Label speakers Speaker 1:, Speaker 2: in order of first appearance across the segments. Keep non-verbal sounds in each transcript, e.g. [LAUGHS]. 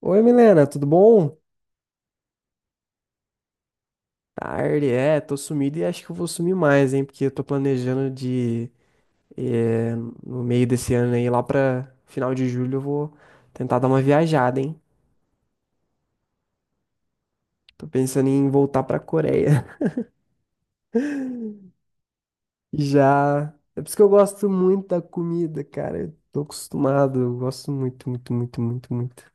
Speaker 1: Oi, Milena, tudo bom? Tarde, tô sumido e acho que eu vou sumir mais, hein? Porque eu tô planejando eh, no meio desse ano aí, lá pra final de julho, eu vou tentar dar uma viajada, hein? Tô pensando em voltar pra Coreia. [LAUGHS] Já. É por isso que eu gosto muito da comida, cara. Eu tô acostumado, eu gosto muito, muito, muito, muito, muito.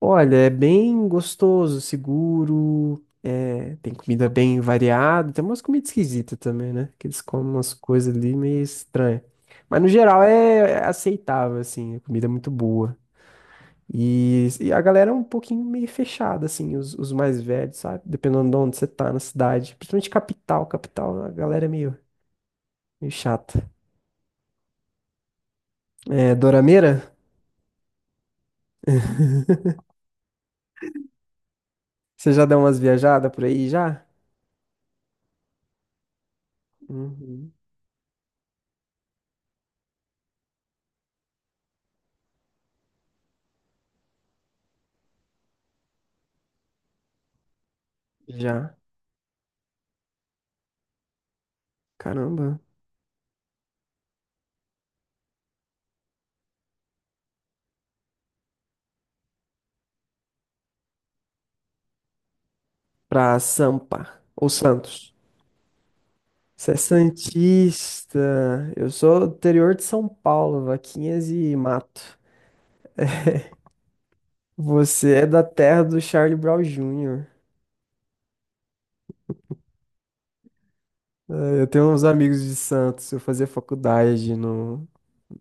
Speaker 1: Olha, é bem gostoso, seguro, tem comida bem variada, tem umas comidas esquisitas também, né? Que eles comem umas coisas ali meio estranhas. Mas no geral é aceitável, assim, a comida é muito boa. E a galera é um pouquinho meio fechada, assim, os mais velhos, sabe? Dependendo de onde você tá na cidade. Principalmente capital, capital, a galera é meio, meio chata. É, Dorameira, você já deu umas viajadas por aí já? Uhum. Já. Caramba. Pra Sampa ou Santos. Você é santista. Eu sou do interior de São Paulo, Vaquinhas e Mato. Você é da terra do Charlie Brown Jr. É, eu tenho uns amigos de Santos. Eu fazia faculdade no,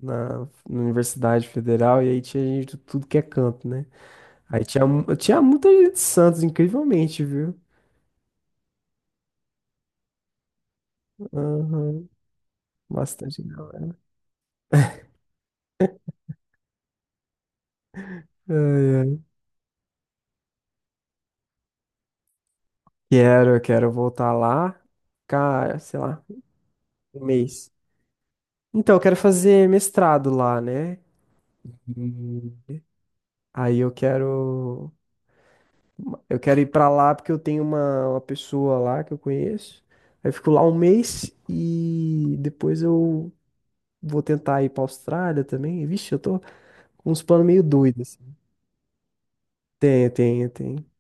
Speaker 1: na, na Universidade Federal e aí tinha gente de tudo que é canto, né? Aí tinha muita gente de Santos, incrivelmente, viu? Aham. Bastante galera. Ai, ai. Quero, quero voltar lá. Cara, sei lá, 1 mês. Então, eu quero fazer mestrado lá, né? E aí eu quero ir pra lá porque eu tenho uma pessoa lá que eu conheço. Aí eu fico lá 1 mês e depois eu vou tentar ir pra Austrália também. Vixe, eu tô com uns planos meio doidos, assim. Tem, tem, tem.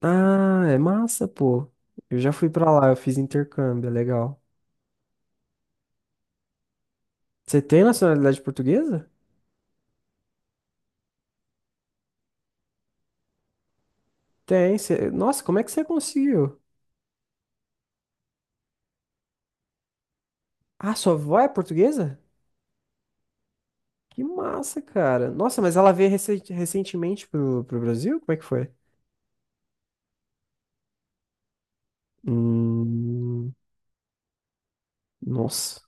Speaker 1: Ah, é massa, pô. Eu já fui pra lá, eu fiz intercâmbio, é legal. Você tem nacionalidade portuguesa? Tem. Você... Nossa, como é que você conseguiu? Ah, sua avó é portuguesa? Que massa, cara. Nossa, mas ela veio recentemente pro Brasil? Como é que foi? Hum, nossa.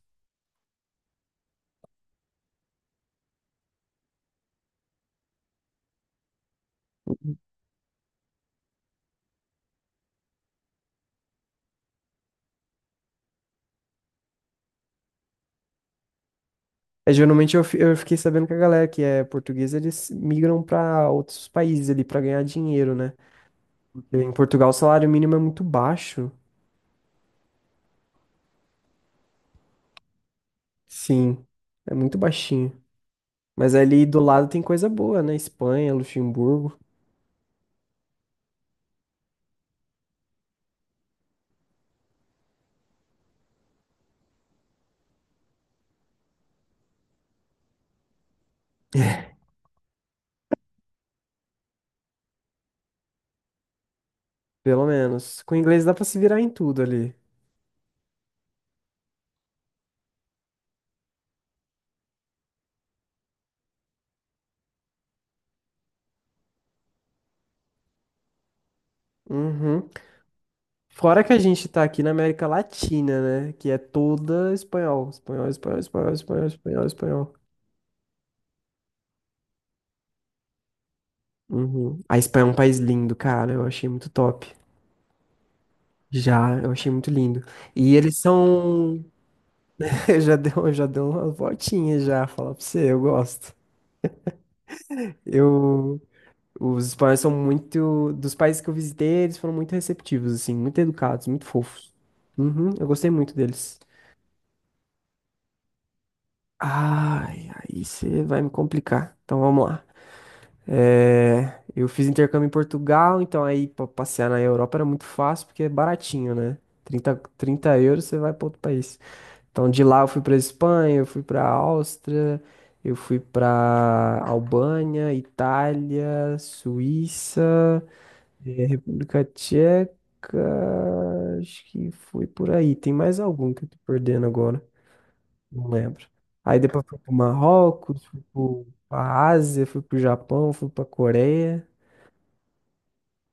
Speaker 1: É, geralmente eu fiquei sabendo que a galera que é portuguesa, eles migram pra outros países ali pra ganhar dinheiro, né? Em Portugal o salário mínimo é muito baixo. Sim, é muito baixinho. Mas ali do lado tem coisa boa, né? Espanha, Luxemburgo, pelo menos. Com inglês dá pra se virar em tudo ali. Uhum. Fora que a gente tá aqui na América Latina, né? Que é toda espanhol. Espanhol, espanhol, espanhol, espanhol, espanhol, espanhol. Uhum. A Espanha é um país lindo, cara. Eu achei muito top. Já, eu achei muito lindo. E eles são. [LAUGHS] Eu já deu, já deu umas voltinhas já, falar pra você, eu gosto. Eu. Os espanhóis são muito. Dos países que eu visitei, eles foram muito receptivos, assim, muito educados, muito fofos. Uhum, eu gostei muito deles. Ai, aí você vai me complicar. Então vamos lá. É, eu fiz intercâmbio em Portugal, então aí pra passear na Europa era muito fácil porque é baratinho, né? 30 euros você vai para outro país. Então de lá eu fui para Espanha, eu fui para Áustria, eu fui para Albânia, Itália, Suíça, República Tcheca, acho que foi por aí. Tem mais algum que eu tô perdendo agora? Não lembro. Aí depois fui pro Marrocos, fui pro a Ásia, fui pro Japão, fui para Coreia.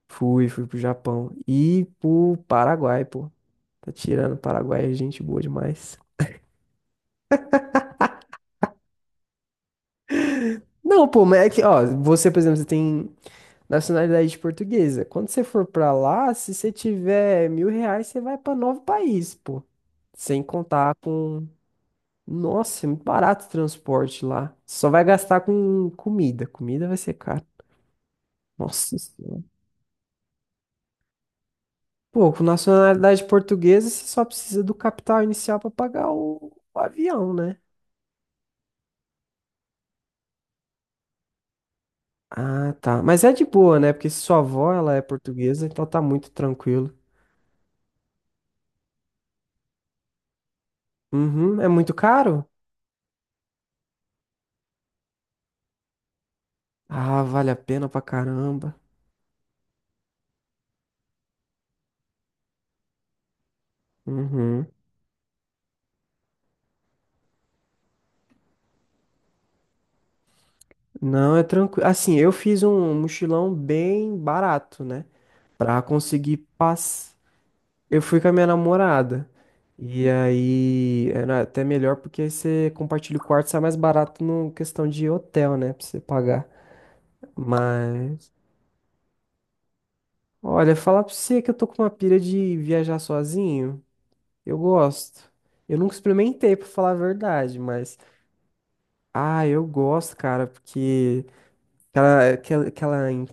Speaker 1: Fui, fui pro Japão e pro Paraguai, pô. Tá tirando Paraguai, é gente boa demais. Não, pô, mas é que, ó, você, por exemplo, você tem nacionalidade portuguesa. Quando você for pra lá, se você tiver 1000 reais, você vai pra 9 países, pô. Sem contar com. Nossa, é muito barato o transporte lá. Só vai gastar com comida. Comida vai ser caro. Nossa Senhora. Pô, com nacionalidade portuguesa, você só precisa do capital inicial pra pagar o avião, né? Ah, tá. Mas é de boa, né? Porque se sua avó, ela é portuguesa, então tá muito tranquilo. Uhum. É muito caro? Ah, vale a pena pra caramba. Uhum. Não, é tranquilo. Assim, eu fiz um mochilão bem barato, né? Pra conseguir paz. Eu fui com a minha namorada. E aí, era até melhor porque você compartilha o quarto, sai mais barato no questão de hotel, né? Pra você pagar. Mas olha, falar pra você que eu tô com uma pira de viajar sozinho. Eu gosto. Eu nunca experimentei, pra falar a verdade, mas. Ah, eu gosto, cara, porque. Aquela, aquela, aquela in-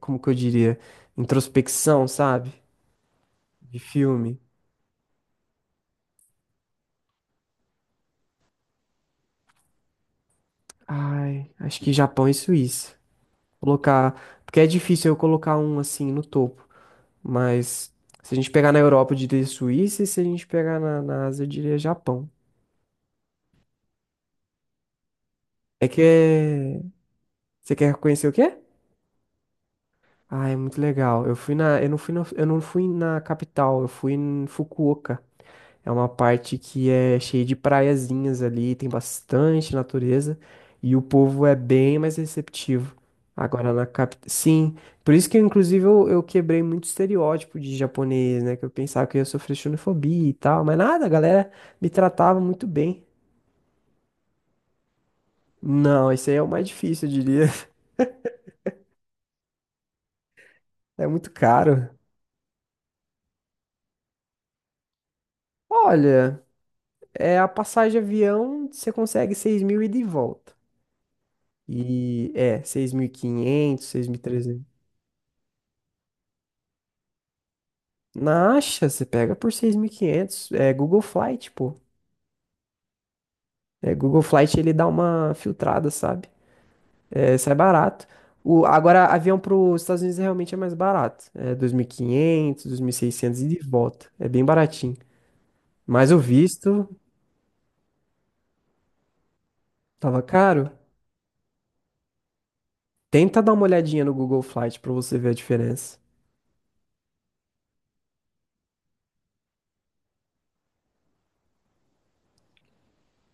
Speaker 1: Como que eu diria? Introspecção, sabe? De filme. Ai, acho que Japão e Suíça. Colocar. Porque é difícil eu colocar um assim no topo. Mas se a gente pegar na Europa, eu diria Suíça, e se a gente pegar na Ásia, eu diria Japão. É que. É- Você quer conhecer o quê? Ah, é muito legal. Eu fui eu não fui na capital, eu fui em Fukuoka. É uma parte que é cheia de praiazinhas ali, tem bastante natureza e o povo é bem mais receptivo. Agora na capital, sim. Por isso que inclusive eu quebrei muito estereótipo de japonês, né? Que eu pensava que eu ia sofrer xenofobia e tal, mas nada, a galera me tratava muito bem. Não, esse aí é o mais difícil, eu diria. [LAUGHS] É muito caro. Olha. É a passagem de avião, você consegue 6 mil e de volta. E é, 6.500, trezentos. Na Acha, você pega por 6500. É Google Flight, pô. É, Google Flight ele dá uma filtrada, sabe? É, sai barato. O, agora, avião para os Estados Unidos é realmente é mais barato. É 2.500, 2.600 e 600 e de volta. É bem baratinho. Mas o visto tava caro. Tenta dar uma olhadinha no Google Flight para você ver a diferença.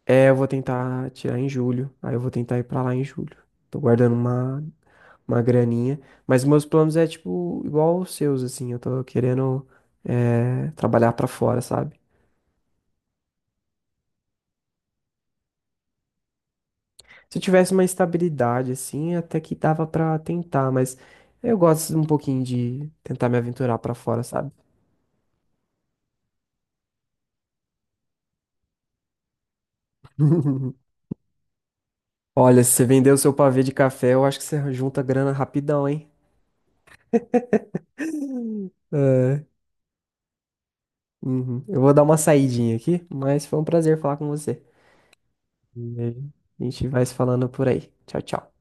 Speaker 1: É, eu vou tentar tirar em julho. Aí eu vou tentar ir pra lá em julho. Tô guardando uma graninha. Mas meus planos é, tipo, igual os seus, assim. Eu tô querendo, é, trabalhar pra fora, sabe? Se eu tivesse uma estabilidade, assim, até que dava pra tentar. Mas eu gosto um pouquinho de tentar me aventurar pra fora, sabe? [LAUGHS] Olha, se você vender o seu pavê de café, eu acho que você junta grana rapidão, hein? É. Uhum. Eu vou dar uma saidinha aqui, mas foi um prazer falar com você. E aí, a gente vai se falando por aí. Tchau, tchau.